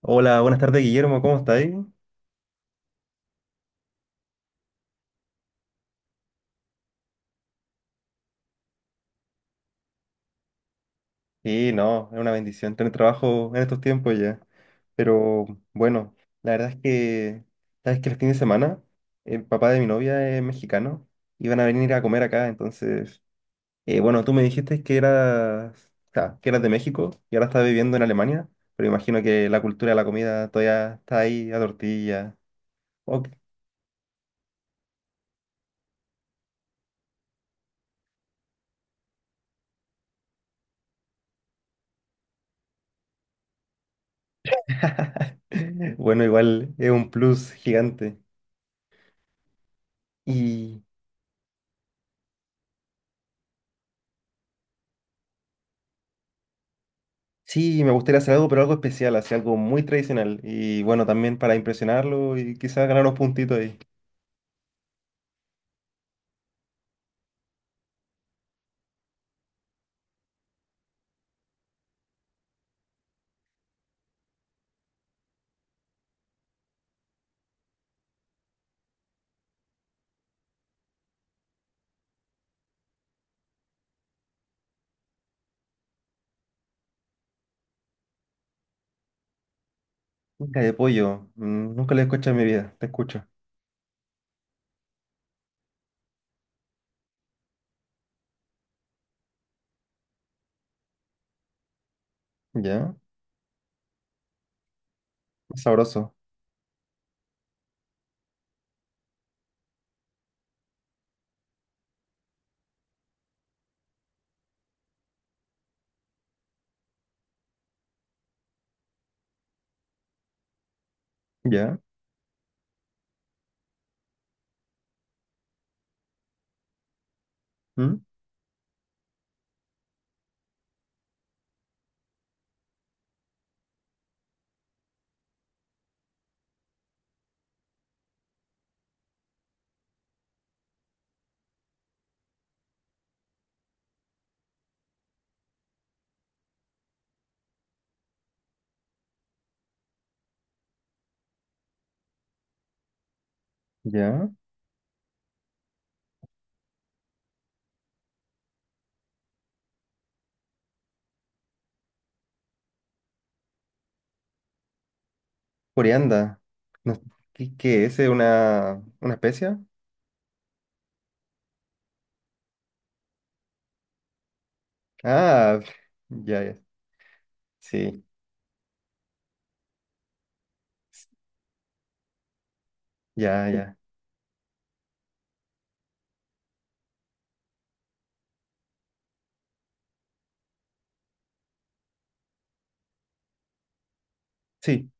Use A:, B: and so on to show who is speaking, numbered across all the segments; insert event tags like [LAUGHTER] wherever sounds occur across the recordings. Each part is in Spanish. A: Hola, buenas tardes, Guillermo, ¿cómo estáis? Sí, no, es una bendición tener trabajo en estos tiempos ya. Pero bueno, la verdad es que, sabes que los fines de semana, el papá de mi novia es mexicano y van a venir a comer acá, entonces, bueno, tú me dijiste que eras, o sea, que eras de México y ahora estás viviendo en Alemania, pero imagino que la cultura de la comida todavía está ahí a tortilla. Ok. [LAUGHS] Bueno, igual es un plus gigante. Y sí, me gustaría hacer algo, pero algo especial, así algo muy tradicional. Y bueno, también para impresionarlo y quizás ganar unos puntitos ahí. Nunca de pollo, nunca lo he escuchado en mi vida, te escucho. Ya, sabroso. Ya, ¿mm? Ya. Corianda. No, ¿qué, qué es? ¿Es una especia? Ah, [LAUGHS] ya, ya. Sí, ya, ya. Sí,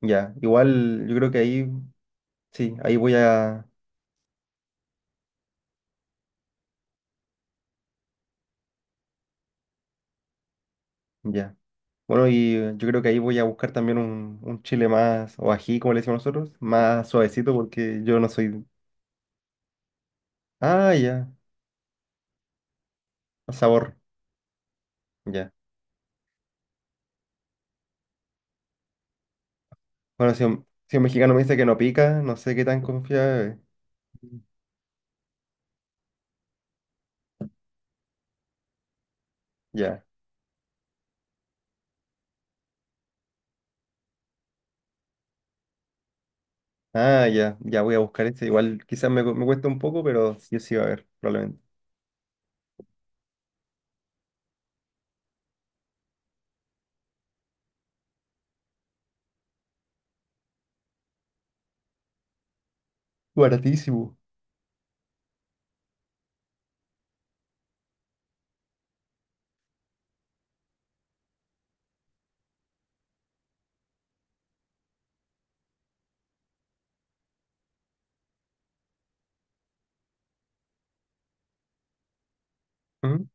A: ya. Igual yo creo que ahí, sí, ahí voy a, ya. Bueno, y yo creo que ahí voy a buscar también un chile más, o ají, como le decimos nosotros, más suavecito, porque yo no soy. Ah, ya, el sabor, ya. Bueno, si un, si un mexicano me dice que no pica, no sé qué tan confiable es. Ya. Ah, ya, ya voy a buscar este. Igual quizás me, me cuesta un poco, pero yo sí va a ver, probablemente. Baratísimo. Mm,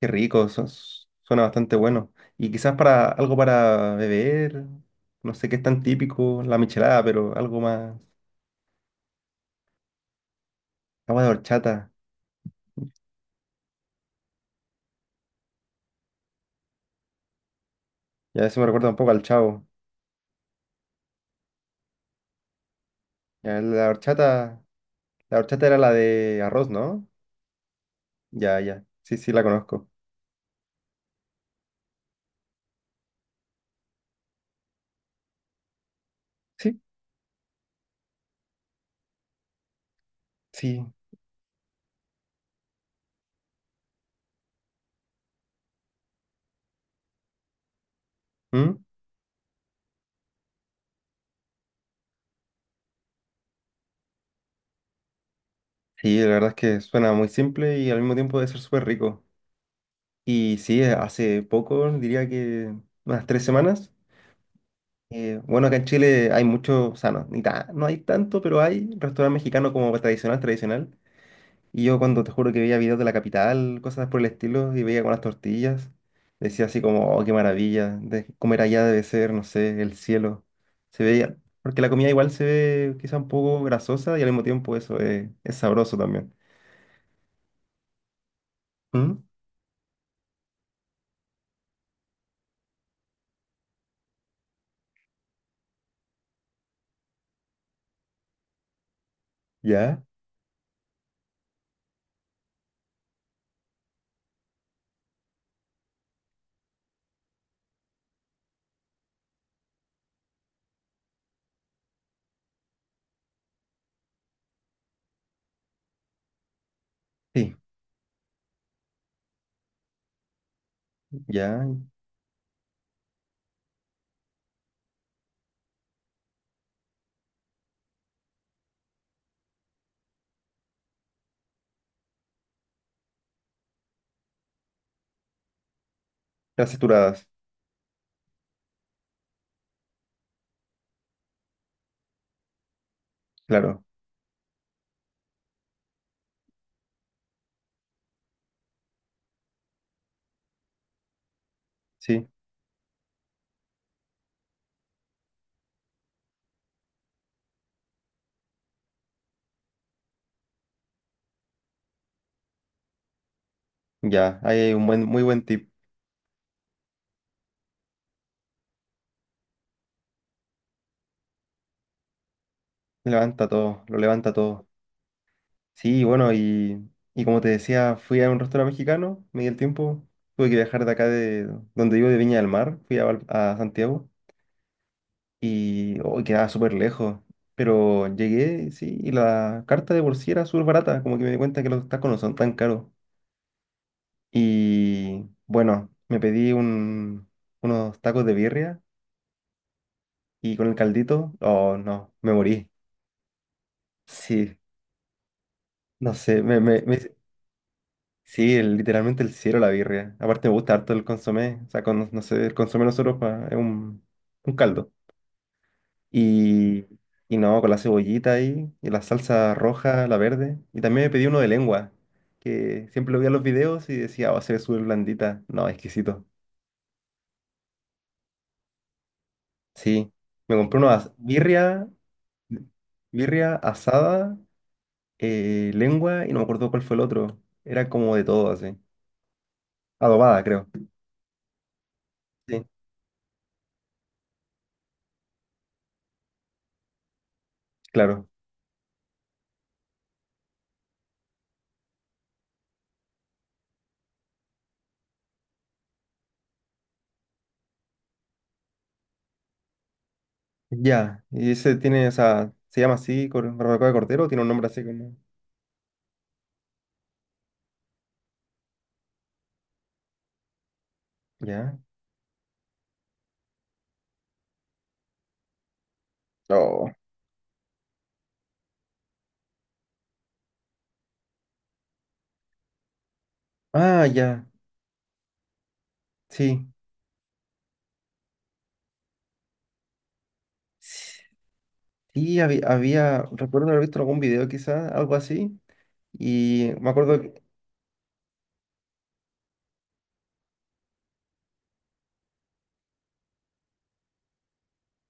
A: qué rico, suena bastante bueno. Y quizás para algo para beber, no sé qué es tan típico, la michelada, pero algo más, agua de horchata. Ya eso me recuerda un poco al Chavo. Ya, la horchata era la de arroz, ¿no? Ya, ya. Sí, sí, la conozco. Sí, sí. ¿Mm? Sí, la verdad es que suena muy simple y al mismo tiempo debe ser súper rico. Y sí, hace poco, diría que unas 3 semanas. Bueno, acá en Chile hay mucho, o sea, no, ni ta- no hay tanto, pero hay restaurante mexicano como tradicional, tradicional. Y yo cuando te juro que veía videos de la capital, cosas por el estilo, y veía con las tortillas, decía así como, oh, qué maravilla, de comer allá debe ser, no sé, el cielo. Se veía, porque la comida igual se ve quizá un poco grasosa y al mismo tiempo eso es sabroso también. ¿Mm? ¿Ya? Sí, ya. Grasas saturadas, claro, sí, ya. Ahí hay un buen, muy buen tip. Levanta todo, lo levanta todo. Sí, bueno, y como te decía, fui a un restaurante mexicano, me di el tiempo, tuve que viajar de acá de donde vivo, de Viña del Mar, fui a, a Santiago y oh, quedaba súper lejos, pero llegué, sí, y la carta de por sí era súper barata, como que me di cuenta que los tacos no son tan caros. Y bueno, me pedí un, unos tacos de birria y con el caldito, oh no, me morí, sí, no sé, sí, el- literalmente el cielo, la birria. Aparte me gusta harto el consomé. O sea, con, no sé, el consomé nosotros es un caldo. Y, y no, con la cebollita ahí, y la salsa roja, la verde. Y también me pedí uno de lengua, que siempre lo veía en los videos y decía, oh, se ve súper blandita. No, exquisito. Sí, me compré una birria, birria asada, lengua, y no me acuerdo cuál fue el otro. Era como de todo así. Adobada, creo. Sí, claro. Ya, y ese tiene, o sea, se llama así, barbacoa de cordero, tiene un nombre así como. Ya. No. Ah, ya, sí. Sí, había, había, recuerdo haber visto algún video quizás, algo así, y me acuerdo que,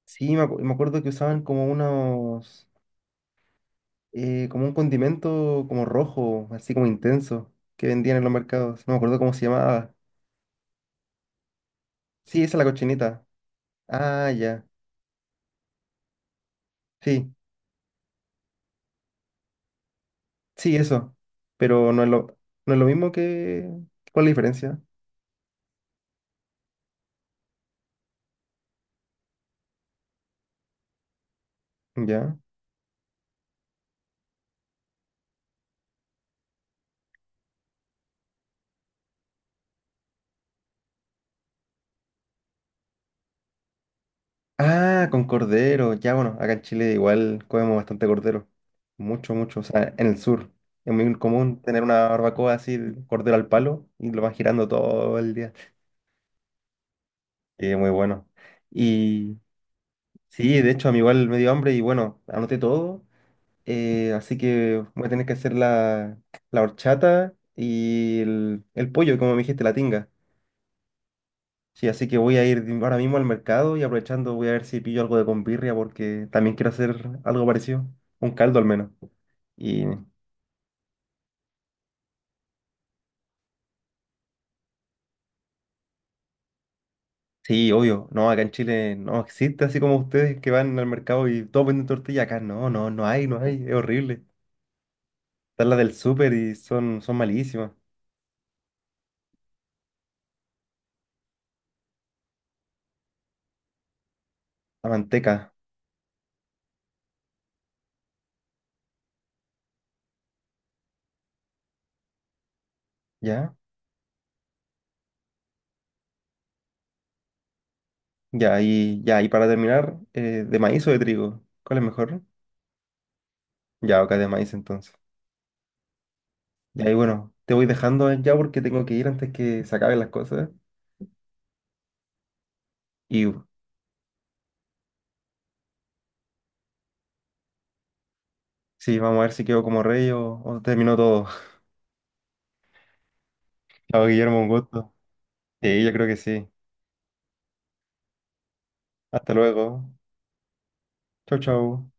A: sí, me, me acuerdo que usaban como unos, como un condimento como rojo, así como intenso, que vendían en los mercados, no me acuerdo cómo se llamaba. Sí, esa es la cochinita. Ah, ya, sí, sí, eso, pero no es lo, no es lo mismo que, ¿cuál es la diferencia? Ya. Ah, con cordero. Ya, bueno, acá en Chile igual comemos bastante cordero. Mucho, mucho. O sea, en el sur es muy común tener una barbacoa así, de cordero al palo, y lo van girando todo el día. Sí, muy bueno. Y sí, de hecho, a mí igual me dio hambre y bueno, anoté todo. Así que voy a tener que hacer la, la horchata y el pollo, como me dijiste, la tinga. Sí, así que voy a ir ahora mismo al mercado y aprovechando voy a ver si pillo algo de convirria porque también quiero hacer algo parecido, un caldo al menos. Y sí, obvio, no, acá en Chile no existe así como ustedes que van al mercado y todos venden tortilla, acá no, no, no hay, no hay, es horrible. Están las del súper y son, son malísimas. La manteca, ¿ya? Ya, y ya, y para terminar, ¿de maíz o de trigo? ¿Cuál es mejor? Ya, acá de maíz entonces. Ya, y ahí bueno, te voy dejando ya porque tengo que ir antes que se acaben las cosas. Y sí, vamos a ver si quedó como rey o terminó todo. [LAUGHS] Chao, Guillermo, un gusto. Sí, yo creo que sí. Hasta luego. Chau, chau.